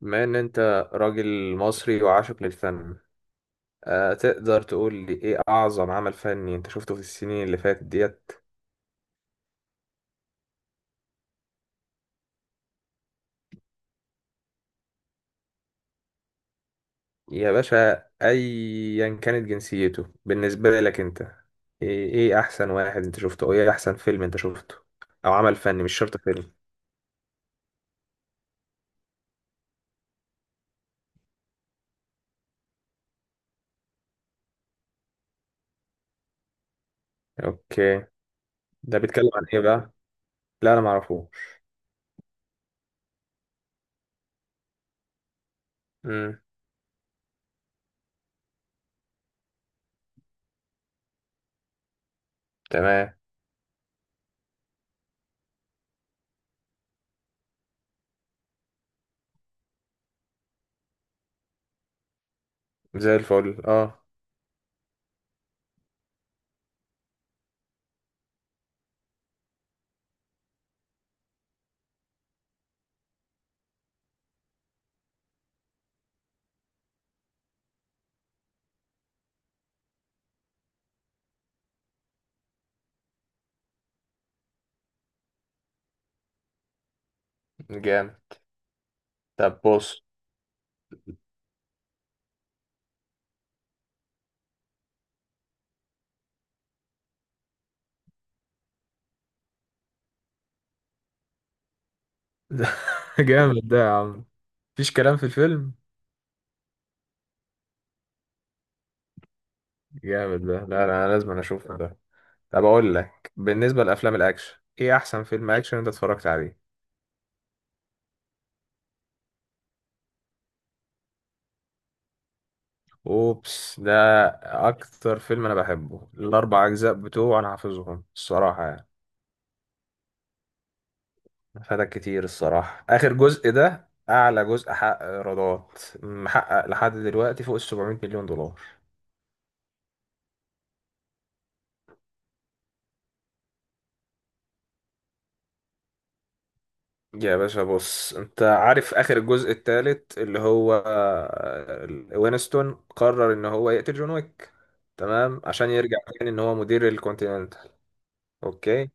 بما ان انت راجل مصري وعاشق للفن، تقدر تقول لي ايه اعظم عمل فني انت شفته في السنين اللي فاتت ديت؟ يا باشا، ايا كانت جنسيته. بالنسبة لك انت إيه احسن واحد انت شفته، او ايه احسن فيلم انت شفته، او عمل فني مش شرط فيلم؟ اوكي. ده بيتكلم عن ايه بقى؟ لا، انا معرفوش. امم. تمام. زي الفل، اه. جامد. طب بص. ده جامد ده يا عم، مفيش كلام في الفيلم. جامد ده. لا لا، انا لازم اشوفه ده. طب اقول لك، بالنسبه لافلام الاكشن، ايه احسن فيلم اكشن انت اتفرجت عليه؟ اوبس ده اكتر فيلم انا بحبه، الاربع اجزاء بتوعه انا حافظهم الصراحه يعني. فاتك كتير الصراحه، اخر جزء ده اعلى جزء حقق ايرادات، محقق لحد دلوقتي فوق ال 700 مليون دولار. يا باشا بص، انت عارف اخر الجزء الثالث اللي هو وينستون قرر ان هو يقتل جون ويك، تمام، عشان يرجع تاني ان هو مدير الكونتيننتال. اوكي.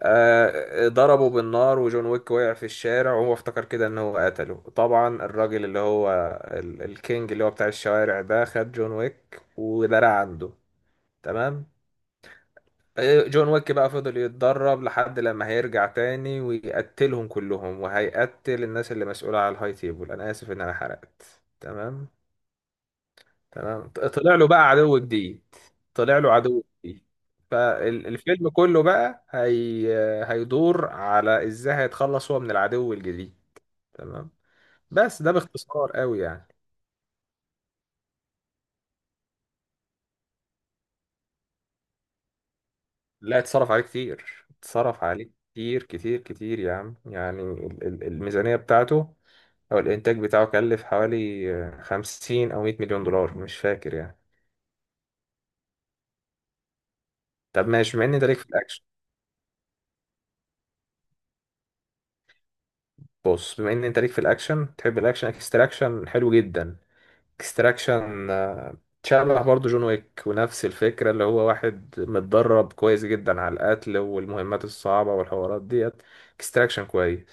آه ضربه بالنار وجون ويك وقع في الشارع وهو افتكر كده ان هو قتله. طبعا الراجل اللي هو الكينج اللي هو بتاع الشوارع ده، خد جون ويك ودرع عنده. تمام. جون ويك بقى فضل يتدرب لحد لما هيرجع تاني ويقتلهم كلهم، وهيقتل الناس اللي مسؤولة على الهاي تيبل. انا اسف ان انا حرقت. تمام. تمام. طلع له بقى عدو جديد. طلع له عدو جديد. فالفيلم كله بقى هي... هيدور على ازاي هيتخلص هو من العدو الجديد. تمام. بس ده باختصار قوي يعني. لا، اتصرف عليه كتير، اتصرف عليه كتير كتير كتير يا عم، يعني الميزانية بتاعته أو الإنتاج بتاعه كلف حوالي 50 أو 100 مليون دولار مش فاكر يعني. طب ماشي، بما إن أنت ليك في الأكشن، بص بما إن أنت ليك في الأكشن تحب الأكشن، اكستراكشن حلو جدا. اكستراكشن شبه برضه جون ويك، ونفس الفكرة اللي هو واحد متدرب كويس جدا على القتل والمهمات الصعبة والحوارات ديت. اكستراكشن كويس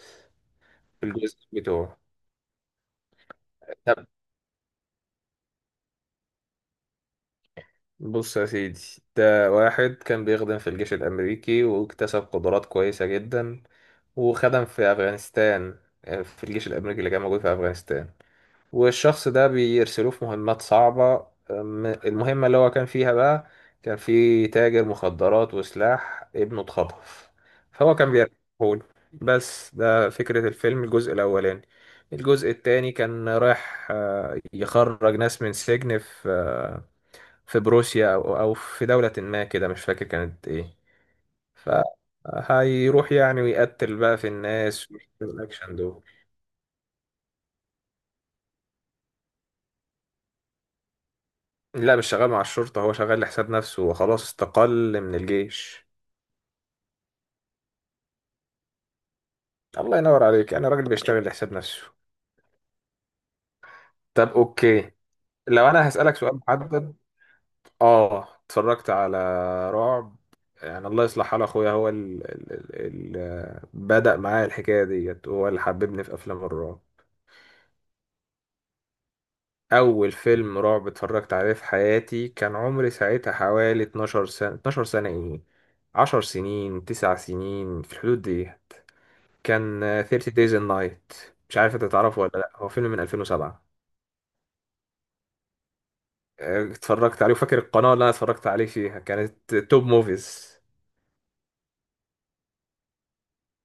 الجزء بتوعه. بص يا سيدي، ده واحد كان بيخدم في الجيش الأمريكي واكتسب قدرات كويسة جدا، وخدم في أفغانستان. في الجيش الأمريكي اللي كان موجود في أفغانستان، والشخص ده بيرسلوه في مهمات صعبة. المهمة اللي هو كان فيها بقى، كان في تاجر مخدرات وسلاح ابنه اتخطف، فهو كان بيرجعهول. بس ده فكرة الفيلم الجزء الأولاني. الجزء التاني كان رايح يخرج ناس من سجن في في بروسيا أو في دولة ما كده، مش فاكر كانت إيه. فهيروح يعني ويقتل بقى في الناس ويعمل الأكشن دول. لا، مش شغال مع الشرطة، هو شغال لحساب نفسه وخلاص، استقل من الجيش. الله ينور عليك، أنا راجل بيشتغل لحساب نفسه. طب أوكي، لو أنا هسألك سؤال محدد. آه، اتفرجت على رعب. يعني الله يصلح حال أخويا، هو اللي بدأ معايا الحكاية ديت، هو اللي حببني في أفلام الرعب. اول فيلم رعب اتفرجت عليه في حياتي كان عمري ساعتها حوالي 12 سنة، 12 سنة ايه، 10 سنين 9 سنين في الحدود ديت. كان 30 Days and Night. مش عارف انت تعرفه ولا لا، هو فيلم من 2007. اتفرجت عليه وفاكر القناة اللي انا اتفرجت عليه فيها كانت توب موفيز.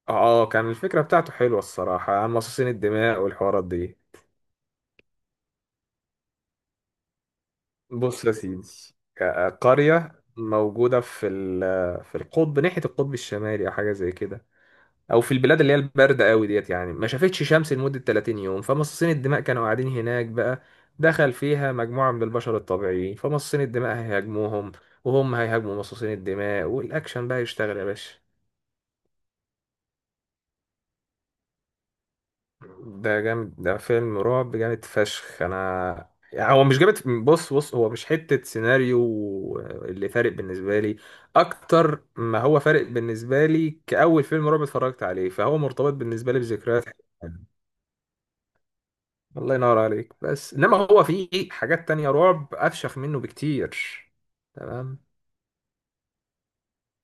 اه كان الفكرة بتاعته حلوة الصراحة، عن مصاصين الدماء والحوارات دي. بص يا سيدي، قرية موجودة في في القطب، ناحية القطب الشمالي أو حاجة زي كده، او في البلاد اللي هي البارده قوي ديت، يعني ما شافتش شمس لمده 30 يوم. فمصاصين الدماء كانوا قاعدين هناك بقى، دخل فيها مجموعه من البشر الطبيعيين، فمصاصين الدماء هيهاجموهم، وهم هيهاجموا مصاصين الدماء، والاكشن بقى يشتغل يا باشا. ده جامد، ده فيلم رعب جامد فشخ. انا يعني هو مش جامد. بص بص، هو مش حته سيناريو اللي فارق بالنسبه لي، اكتر ما هو فارق بالنسبه لي كاول فيلم رعب اتفرجت عليه، فهو مرتبط بالنسبه لي بذكريات. الله ينور عليك. بس انما هو في حاجات تانية رعب افشخ منه بكتير. تمام.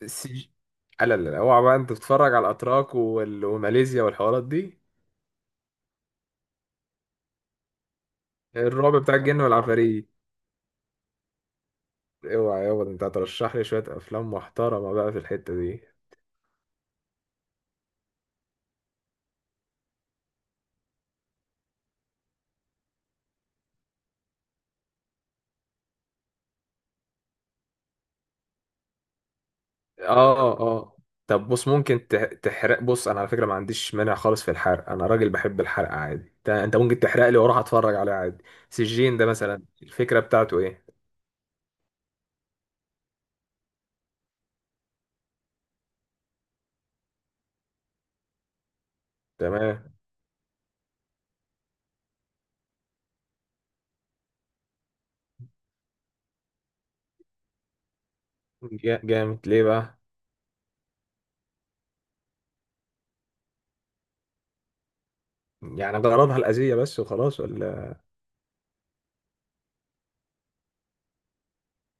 السج... لا لا لا، اوعى بقى انت تتفرج على الاتراك وماليزيا والحوارات دي. الرعب بتاع الجن والعفاريت. اوعى يابا، ده انت هترشح لي شوية افلام محترمة بقى في الحتة دي. اه اه. طب بص، ممكن تحرق. بص انا على فكرة ما عنديش مانع خالص في الحرق، انا راجل بحب الحرق عادي. أنت ممكن تحرق لي واروح اتفرج عليه عادي. سجين ده مثلا الفكرة بتاعته ايه؟ تمام. جامد ليه بقى؟ يعني غرضها الأذية بس وخلاص ولا؟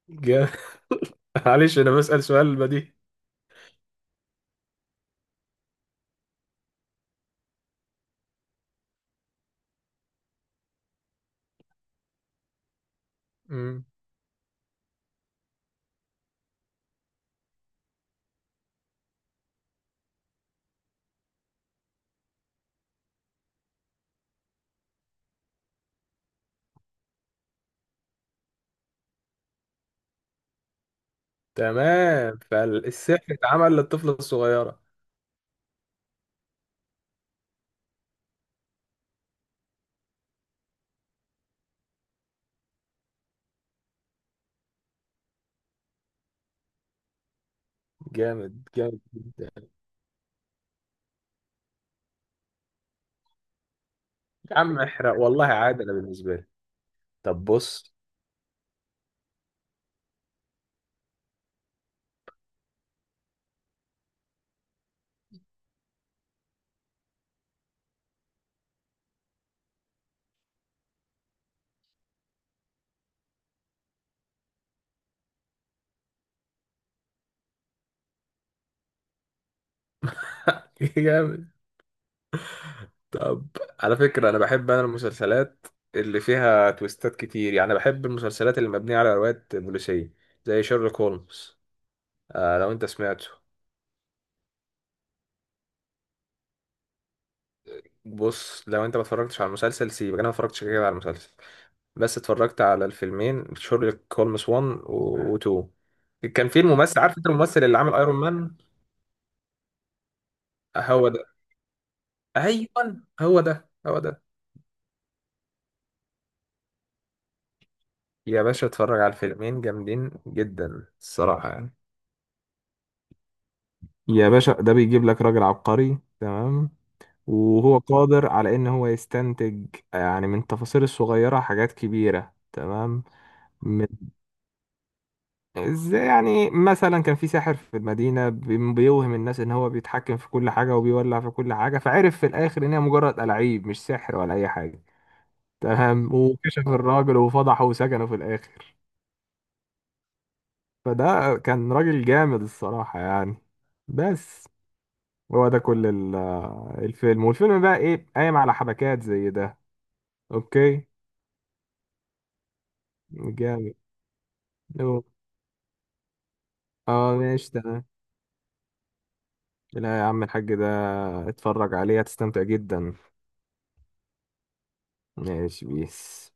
جا- معلش أنا بسأل سؤال بديهي. مم. تمام، فالسحر اتعمل للطفلة الصغيرة. جامد، جامد جدا. يا عم احرق والله عادي أنا بالنسبة لي. طب بص. جامد. طب، على فكرة أنا بحب أنا المسلسلات اللي فيها تويستات كتير، يعني بحب المسلسلات اللي مبنية على روايات بوليسية زي شيرلوك هولمز. آه لو أنت سمعته. بص لو انت ما اتفرجتش على المسلسل سيبك، انا ما اتفرجتش كده كده على المسلسل. بس اتفرجت على الفيلمين شيرلوك هولمز 1 و 2. كان في الممثل، عارف انت الممثل اللي عامل ايرون مان؟ هو ده. ايوه، هو ده هو ده. يا باشا اتفرج على الفيلمين، جامدين جدا الصراحة يعني. يا باشا ده بيجيب لك راجل عبقري، تمام، وهو قادر على ان هو يستنتج يعني من التفاصيل الصغيرة حاجات كبيرة. تمام. من ازاي يعني؟ مثلا كان في ساحر في المدينة بيوهم الناس ان هو بيتحكم في كل حاجة وبيولع في كل حاجة، فعرف في الاخر ان هي مجرد ألاعيب، مش سحر ولا اي حاجة. تمام، وكشف الراجل وفضحه وسجنه في الاخر. فده كان راجل جامد الصراحة يعني. بس هو ده كل الفيلم، والفيلم بقى ايه قايم على حبكات زي ده. اوكي. جامد. اه ماشي تمام. لا يا عم الحاج، ده اتفرج عليه هتستمتع جدا. ماشي بيس.